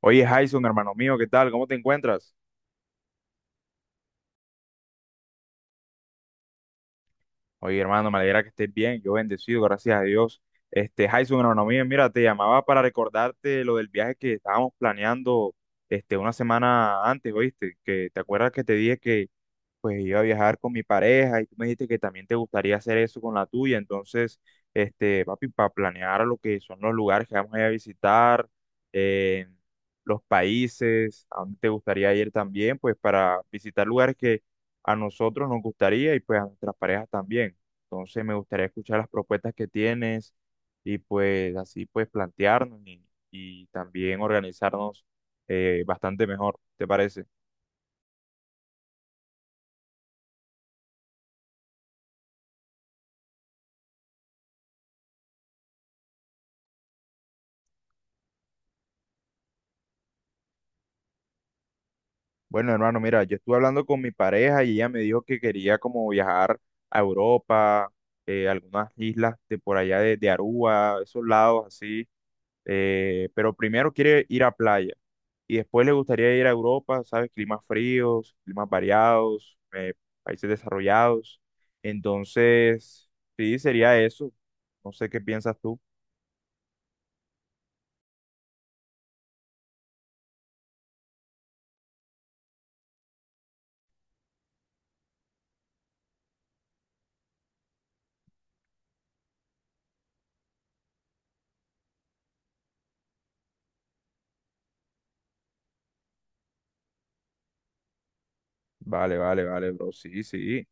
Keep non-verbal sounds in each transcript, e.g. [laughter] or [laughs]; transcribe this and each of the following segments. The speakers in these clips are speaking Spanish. Oye, Jason, hermano mío, ¿qué tal? ¿Cómo te encuentras? Oye, hermano, me alegra que estés bien. Yo bendecido, gracias a Dios. Jason, hermano mío, mira, te llamaba para recordarte lo del viaje que estábamos planeando, una semana antes, ¿oíste? Que te acuerdas que te dije que pues iba a viajar con mi pareja y tú me dijiste que también te gustaría hacer eso con la tuya. Entonces, papi, para planear lo que son los lugares que vamos a ir a visitar, eh, los países, a dónde te gustaría ir también, pues para visitar lugares que a nosotros nos gustaría y pues a nuestras parejas también. Entonces, me gustaría escuchar las propuestas que tienes y pues así pues plantearnos y también organizarnos bastante mejor, ¿te parece? Bueno, hermano, mira, yo estuve hablando con mi pareja y ella me dijo que quería como viajar a Europa, algunas islas de por allá de Aruba, esos lados así, pero primero quiere ir a playa y después le gustaría ir a Europa, ¿sabes? Climas fríos, climas variados, países desarrollados. Entonces, sí, sería eso. No sé qué piensas tú. Vale, vale, vale, bro. Sí, sí.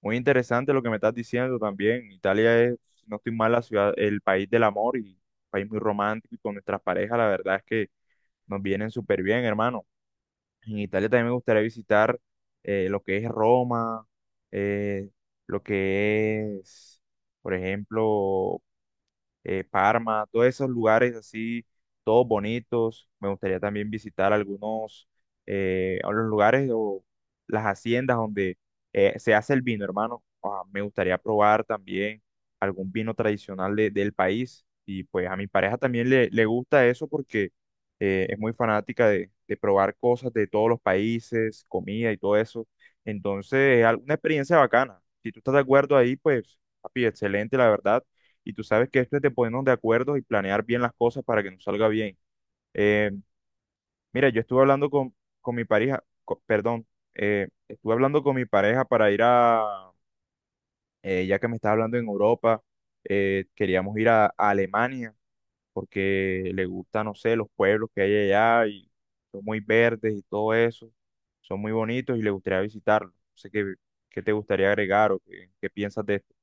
Muy interesante lo que me estás diciendo también. Italia es, si no estoy mal, la ciudad, el país del amor y país muy romántico y con nuestras parejas, la verdad es que nos vienen súper bien, hermano. En Italia también me gustaría visitar lo que es Roma, eh, lo que es, por ejemplo, Parma, todos esos lugares así, todos bonitos. Me gustaría también visitar algunos a los lugares o las haciendas donde se hace el vino, hermano. Ah, me gustaría probar también algún vino tradicional del país. Y pues a mi pareja también le gusta eso porque es muy fanática de probar cosas de todos los países, comida y todo eso. Entonces, es una experiencia bacana. Si tú estás de acuerdo ahí, pues, papi, excelente, la verdad y tú sabes que esto es de ponernos de acuerdo y planear bien las cosas para que nos salga bien. Eh, mira, yo estuve hablando con mi pareja, perdón, estuve hablando con mi pareja para ir a, ya que me estás hablando en Europa, queríamos ir a Alemania porque le gusta, no sé, los pueblos que hay allá y son muy verdes y todo eso, son muy bonitos y le gustaría visitarlos. No sé qué, qué te gustaría agregar o qué, qué piensas de esto.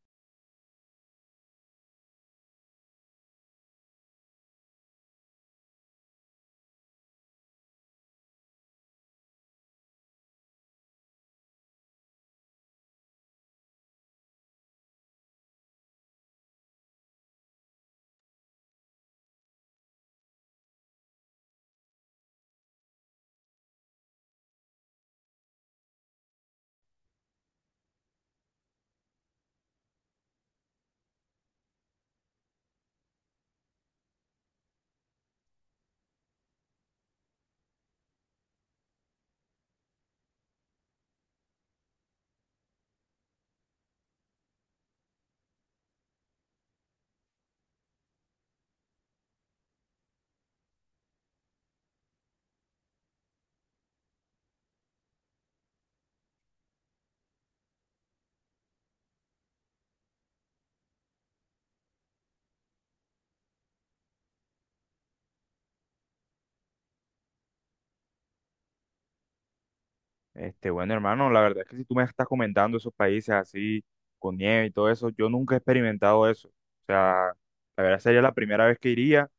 Bueno, hermano, la verdad es que si tú me estás comentando esos países así, con nieve y todo eso, yo nunca he experimentado eso. O sea, la verdad sería la primera vez que iría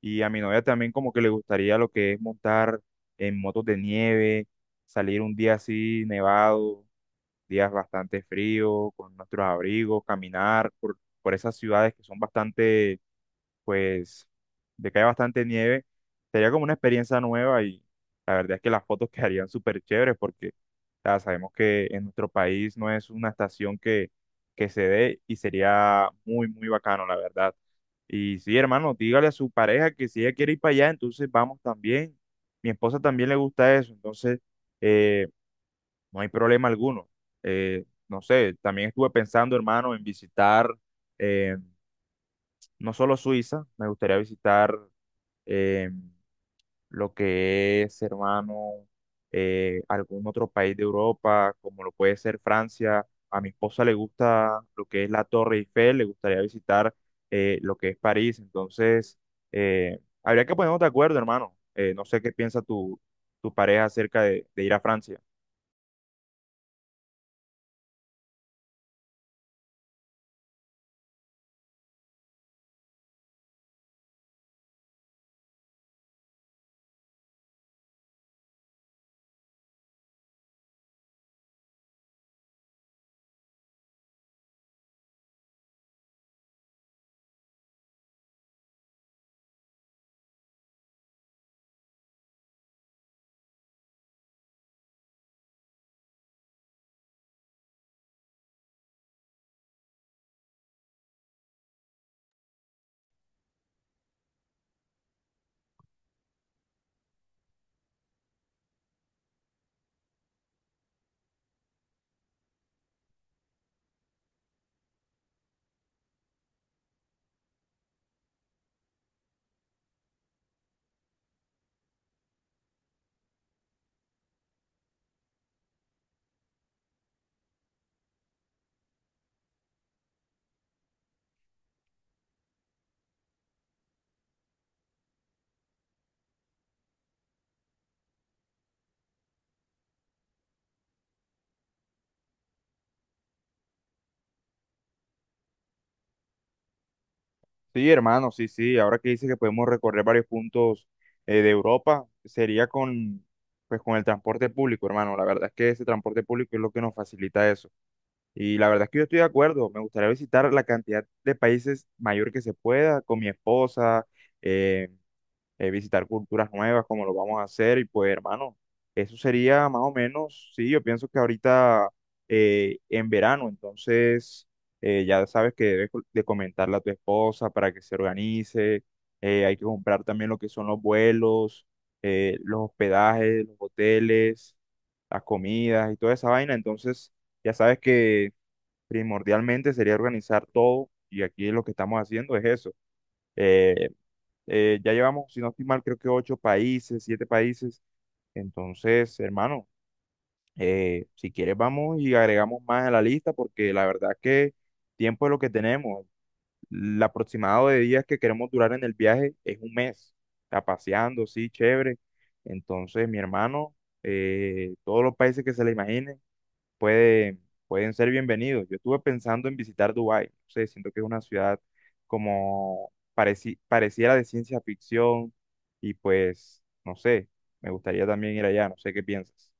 y a mi novia también como que le gustaría lo que es montar en motos de nieve, salir un día así nevado, días bastante fríos, con nuestros abrigos, caminar por esas ciudades que son bastante pues de que hay bastante nieve, sería como una experiencia nueva y la verdad es que las fotos [laughs] quedarían súper chéveres porque ya sabemos que en nuestro país no es una estación que se dé y sería muy, muy bacano, la verdad. Y sí, hermano, dígale a su pareja que si ella quiere ir para allá, entonces vamos también. Mi esposa también le gusta eso, entonces eh, no hay problema alguno. No sé, también estuve pensando, hermano, en visitar eh, no solo Suiza, me gustaría visitar eh, lo que es, hermano, algún otro país de Europa, como lo puede ser Francia. A mi esposa le gusta lo que es la Torre Eiffel, le gustaría visitar lo que es París. Entonces, habría que ponernos de acuerdo, hermano. No sé qué piensa tu, tu pareja acerca de ir a Francia. Sí, hermano, sí, sí. Ahora que dice que podemos recorrer varios puntos de Europa, sería con, pues, con el transporte público, hermano. La verdad es que ese transporte público es lo que nos facilita eso. Y la verdad es que yo estoy de acuerdo, me gustaría visitar la cantidad de países mayor que se pueda con mi esposa, eh, visitar culturas nuevas como lo vamos a hacer y pues hermano, eso sería más o menos, sí, yo pienso que ahorita en verano, entonces ya sabes que debes de comentarle a tu esposa para que se organice, hay que comprar también lo que son los vuelos, los hospedajes, los hoteles, las comidas y toda esa vaina, entonces... Ya sabes que primordialmente sería organizar todo y aquí lo que estamos haciendo es eso. Eh, ya llevamos, si no estoy mal, creo que ocho países, siete países. Entonces, hermano, si quieres vamos y agregamos más a la lista porque la verdad que tiempo es lo que tenemos. El aproximado de días que queremos durar en el viaje es un mes. Está paseando, sí, chévere. Entonces, mi hermano, todos los países que se le imaginen, puede, pueden ser bienvenidos. Yo estuve pensando en visitar Dubái, no sé, siento que es una ciudad como pareciera de ciencia ficción y pues, no sé, me gustaría también ir allá, no sé qué piensas.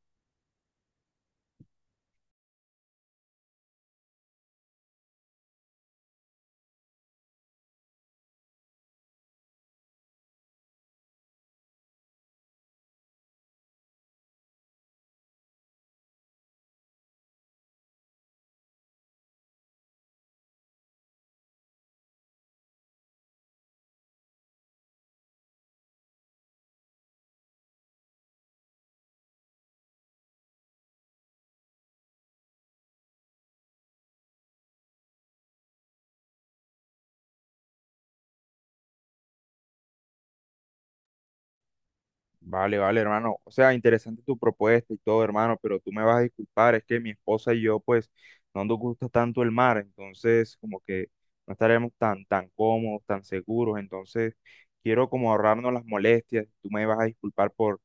Vale, vale, hermano. O sea, interesante tu propuesta y todo, hermano, pero tú me vas a disculpar, es que mi esposa y yo, pues, no nos gusta tanto el mar, entonces, como que no estaremos tan, tan cómodos, tan seguros, entonces, quiero como ahorrarnos las molestias, tú me vas a disculpar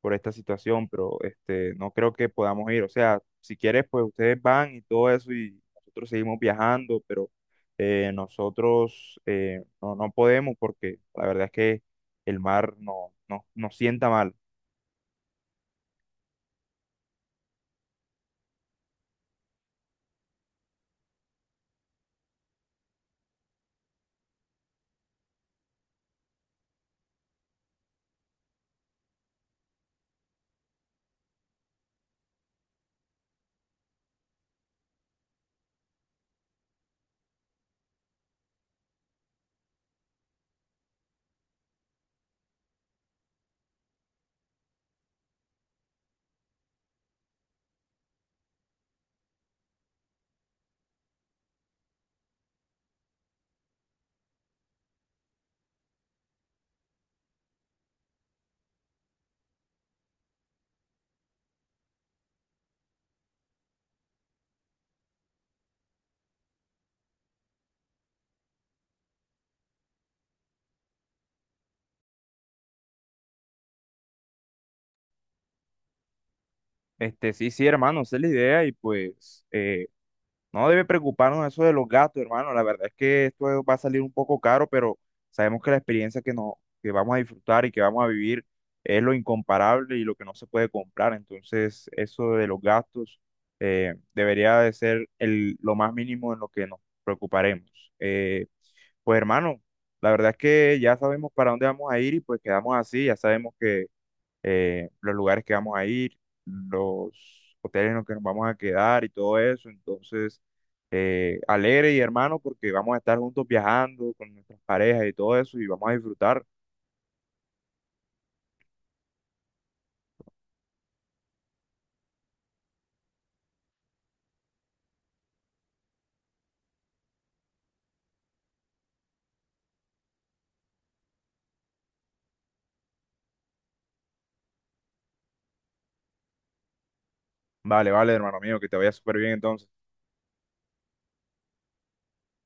por esta situación, pero este, no creo que podamos ir. O sea, si quieres, pues ustedes van y todo eso y nosotros seguimos viajando, pero nosotros no, no podemos porque la verdad es que el mar no, no, nos sienta mal. Este, sí, sí, hermano, esa es la idea y pues no debe preocuparnos eso de los gastos, hermano. La verdad es que esto va a salir un poco caro, pero sabemos que la experiencia que, no, que vamos a disfrutar y que vamos a vivir es lo incomparable y lo que no se puede comprar. Entonces, eso de los gastos debería de ser el, lo más mínimo en lo que nos preocuparemos. Eh, pues, hermano, la verdad es que ya sabemos para dónde vamos a ir y pues quedamos así. Ya sabemos que los lugares que vamos a ir, los hoteles en los que nos vamos a quedar y todo eso. Entonces, alegre y hermano, porque vamos a estar juntos viajando con nuestras parejas y todo eso y vamos a disfrutar. Vale, vale, hermano mío, que te vaya súper bien entonces.